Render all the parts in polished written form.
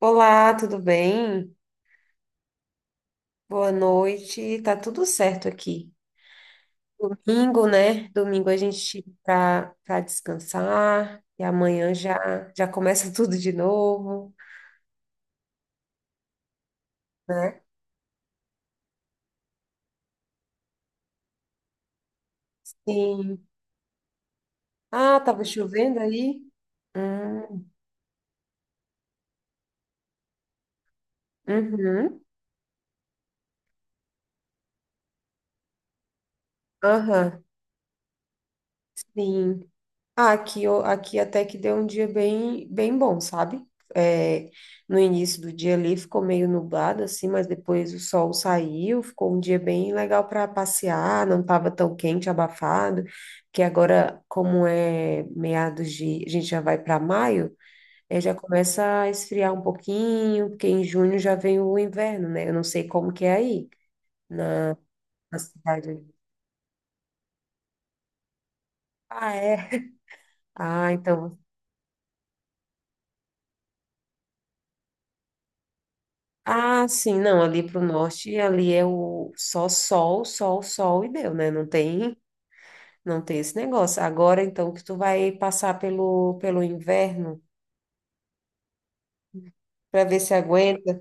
Olá, tudo bem? Boa noite. Tá tudo certo aqui. Domingo, né? Domingo a gente tira pra descansar e amanhã já já começa tudo de novo, né? Sim. Ah, tava chovendo aí? Hum, uhum, aham, sim. Ah, aqui, aqui até que deu um dia bem, bem bom, sabe? É, no início do dia ali ficou meio nublado, assim, mas depois o sol saiu, ficou um dia bem legal para passear, não estava tão quente, abafado, que agora, como é meados de, a gente já vai para maio, é, já começa a esfriar um pouquinho, porque em junho já vem o inverno, né? Eu não sei como que é aí, na cidade. Ah, é? Ah, então. Ah, sim, não, ali para o norte, ali é o só sol, sol, sol e deu, né? Não tem esse negócio. Agora, então, que tu vai passar pelo inverno para ver se aguenta.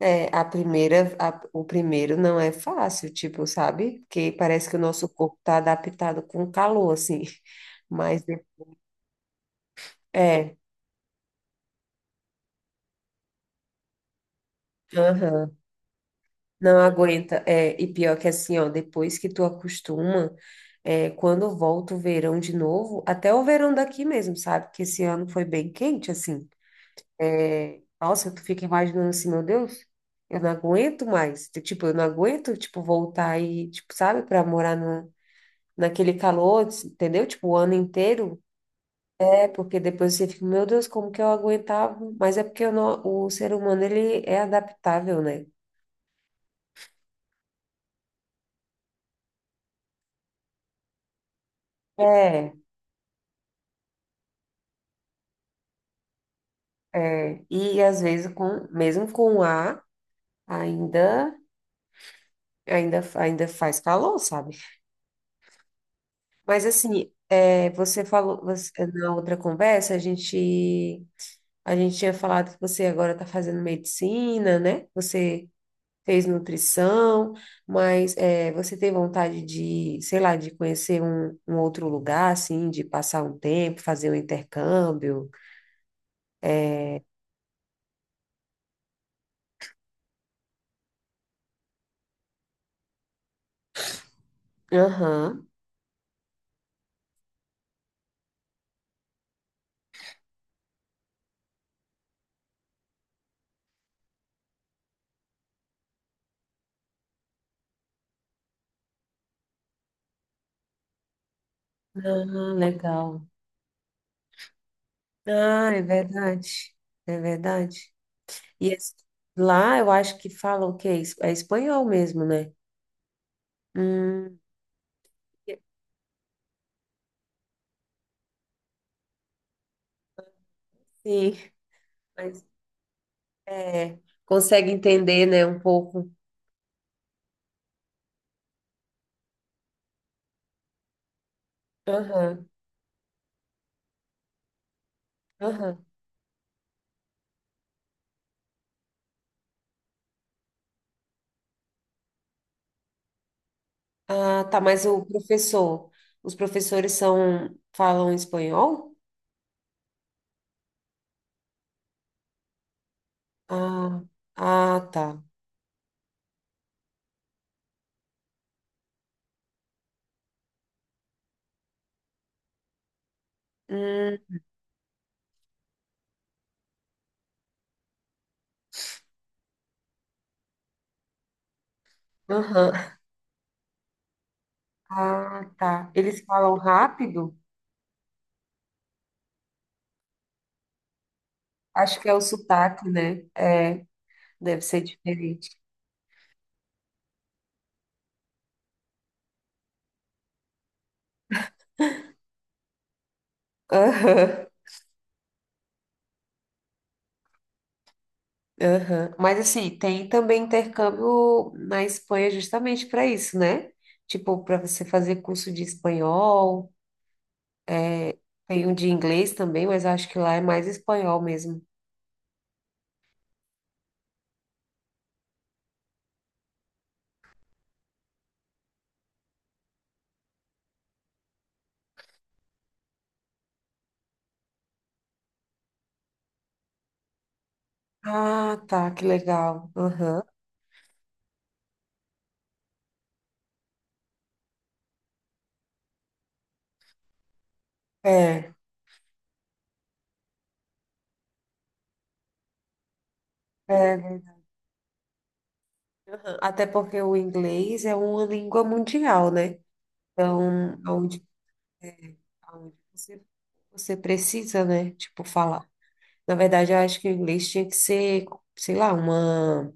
É, o primeiro não é fácil, tipo, sabe? Porque parece que o nosso corpo tá adaptado com calor, assim. Mas é, aham. Não aguenta. É, e pior que assim, ó, depois que tu acostuma, é, quando volta o verão de novo, até o verão daqui mesmo, sabe? Que esse ano foi bem quente, assim. É, nossa, tu fica imaginando assim, meu Deus, eu não aguento mais. Tipo, eu não aguento, tipo, voltar e, tipo, sabe, pra morar no, naquele calor, entendeu? Tipo, o ano inteiro. É, porque depois você fica, meu Deus, como que eu aguentava? Mas é porque eu o ser humano, ele é adaptável, né? É. É, e às vezes mesmo com ar, ainda, ainda faz calor, sabe? Mas assim, é, você falou, na outra conversa, a gente tinha falado que você agora está fazendo medicina, né? Você fez nutrição, mas é, você tem vontade de, sei lá, de conhecer um outro lugar, assim, de passar um tempo, fazer um intercâmbio? Aham. Ah, legal. Ah, é verdade. É verdade. E lá eu acho que falam o quê? É espanhol mesmo, né? Hum, sim, mas é, consegue entender, né, um pouco. Aham, aham. Ah, tá, mas os professores são, falam espanhol? Ah, ah, tá. Hum, aham. Ah, tá. Eles falam rápido? Acho que é o sotaque, né? É, deve ser diferente. Aham. Aham. Mas assim, tem também intercâmbio na Espanha justamente para isso, né? Tipo, para você fazer curso de espanhol, é, tem um de inglês também, mas acho que lá é mais espanhol mesmo. Ah, tá, que legal. Aham. É, é, né? Aham. Até porque o inglês é uma língua mundial, né? Então, aonde você precisa, né? Tipo, falar. Na verdade, eu acho que o inglês tinha que ser, sei lá, uma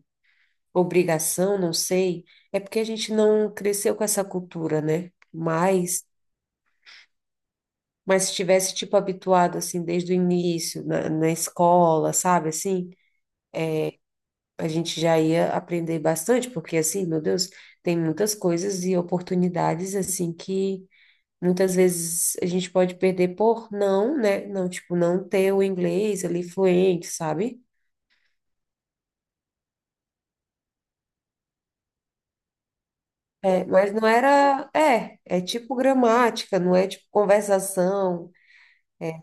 obrigação, não sei, é porque a gente não cresceu com essa cultura, né? Mas, se tivesse, tipo, habituado, assim, desde o início, na escola, sabe, assim, a gente já ia aprender bastante, porque, assim, meu Deus, tem muitas coisas e oportunidades, assim, que muitas vezes a gente pode perder por não, né? Não, tipo, não ter o inglês ali fluente, sabe? É, mas não era, é tipo gramática, não é tipo conversação, é,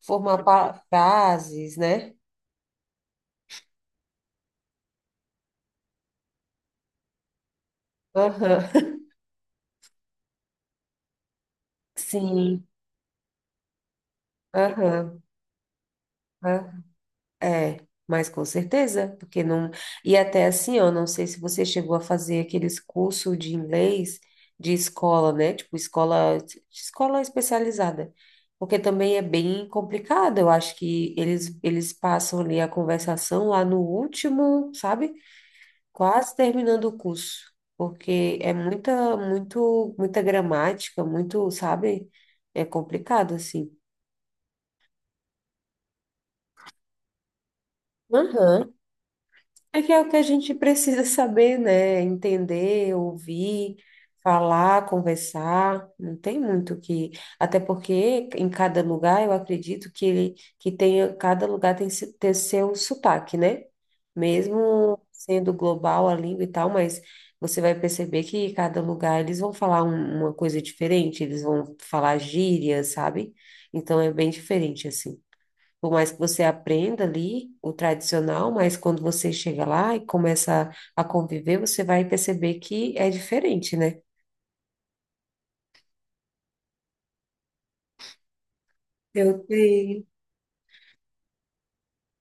formar frases, né? Aham. Sim, aham, aham. É, mas com certeza, porque não. E até assim, ó, não sei se você chegou a fazer aqueles cursos de inglês de escola, né? Tipo, escola, especializada. Porque também é bem complicado. Eu acho que eles passam ali a conversação lá no último, sabe? Quase terminando o curso, porque é muita, muito, muita gramática, muito, sabe? É complicado assim. Aham. É que é o que a gente precisa saber, né? Entender, ouvir, falar, conversar. Não tem muito que. Até porque em cada lugar, eu acredito que ele que tenha, cada lugar tem, tem seu sotaque, né? Mesmo sendo global a língua e tal, mas você vai perceber que cada lugar eles vão falar uma coisa diferente, eles vão falar gíria, sabe? Então é bem diferente, assim. Por mais que você aprenda ali o tradicional, mas quando você chega lá e começa a conviver, você vai perceber que é diferente, né? Eu tenho,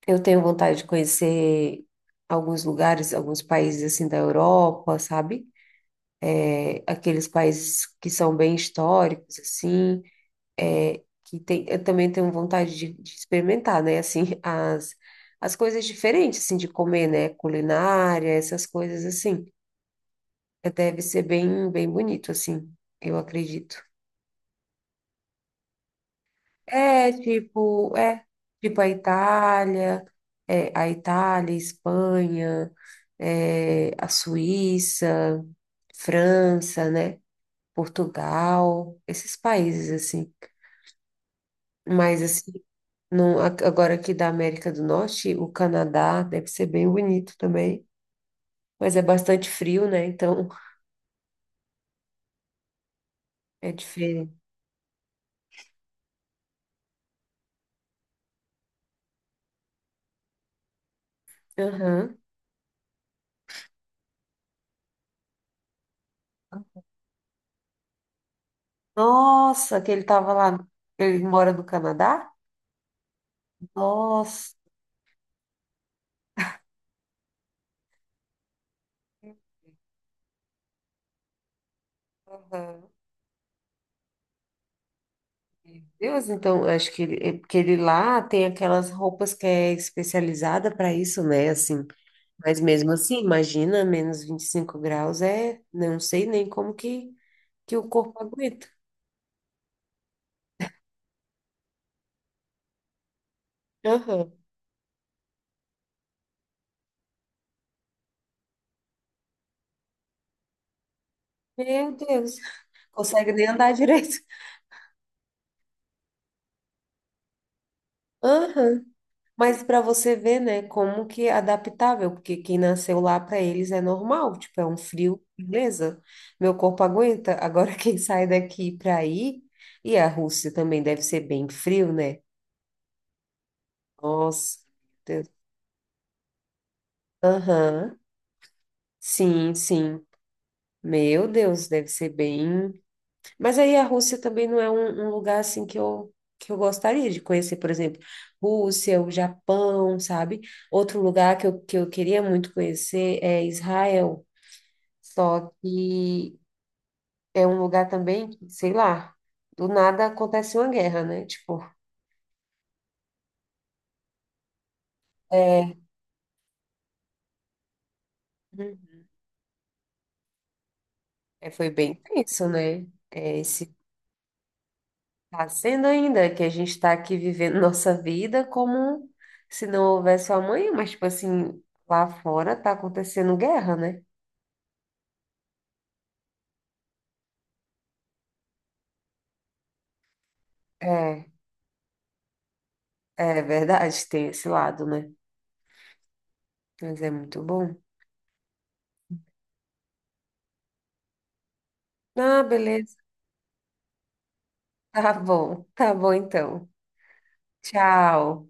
eu tenho vontade de conhecer alguns lugares, alguns países assim da Europa, sabe? É, aqueles países que são bem históricos, assim, é, que tem, eu também tenho vontade de experimentar, né? Assim, as coisas diferentes, assim, de comer, né? Culinária, essas coisas assim. Deve ser bem, bem bonito, assim, eu acredito. É, tipo, a Itália, é, a Itália, Espanha, é, a Suíça, França, né? Portugal, esses países, assim. Mas, assim, não, agora aqui da América do Norte, o Canadá deve ser bem bonito também. Mas é bastante frio, né? Então, é diferente. Aham. Nossa, que ele estava lá, ele mora no Canadá? Nossa. Aham. Meu Deus, então, eu acho que ele, é porque ele lá tem aquelas roupas que é especializada para isso, né? Assim, mas mesmo assim, imagina, -25 graus é, não sei nem como que o corpo aguenta. Aham. Meu Deus, consegue nem andar direito. Aham. Mas para você ver, né, como que é adaptável, porque quem nasceu lá para eles é normal, tipo, é um frio, beleza, meu corpo aguenta. Agora quem sai daqui para aí, e a Rússia também deve ser bem frio, né? Nossa, meu Deus. Aham. Sim, sim. Meu Deus, deve ser bem. Mas aí a Rússia também não é um lugar assim que eu gostaria de conhecer, por exemplo, Rússia, o Japão, sabe? Outro lugar que eu queria muito conhecer é Israel. Só que é um lugar também que, sei lá, do nada acontece uma guerra, né? Tipo, é, uhum, é, foi bem tenso, né? É, esse tá sendo ainda que a gente está aqui vivendo nossa vida como se não houvesse amanhã, mas tipo assim, lá fora tá acontecendo guerra, né? É, é verdade, tem esse lado, né? Mas é muito bom. Ah, beleza. Tá bom então. Tchau.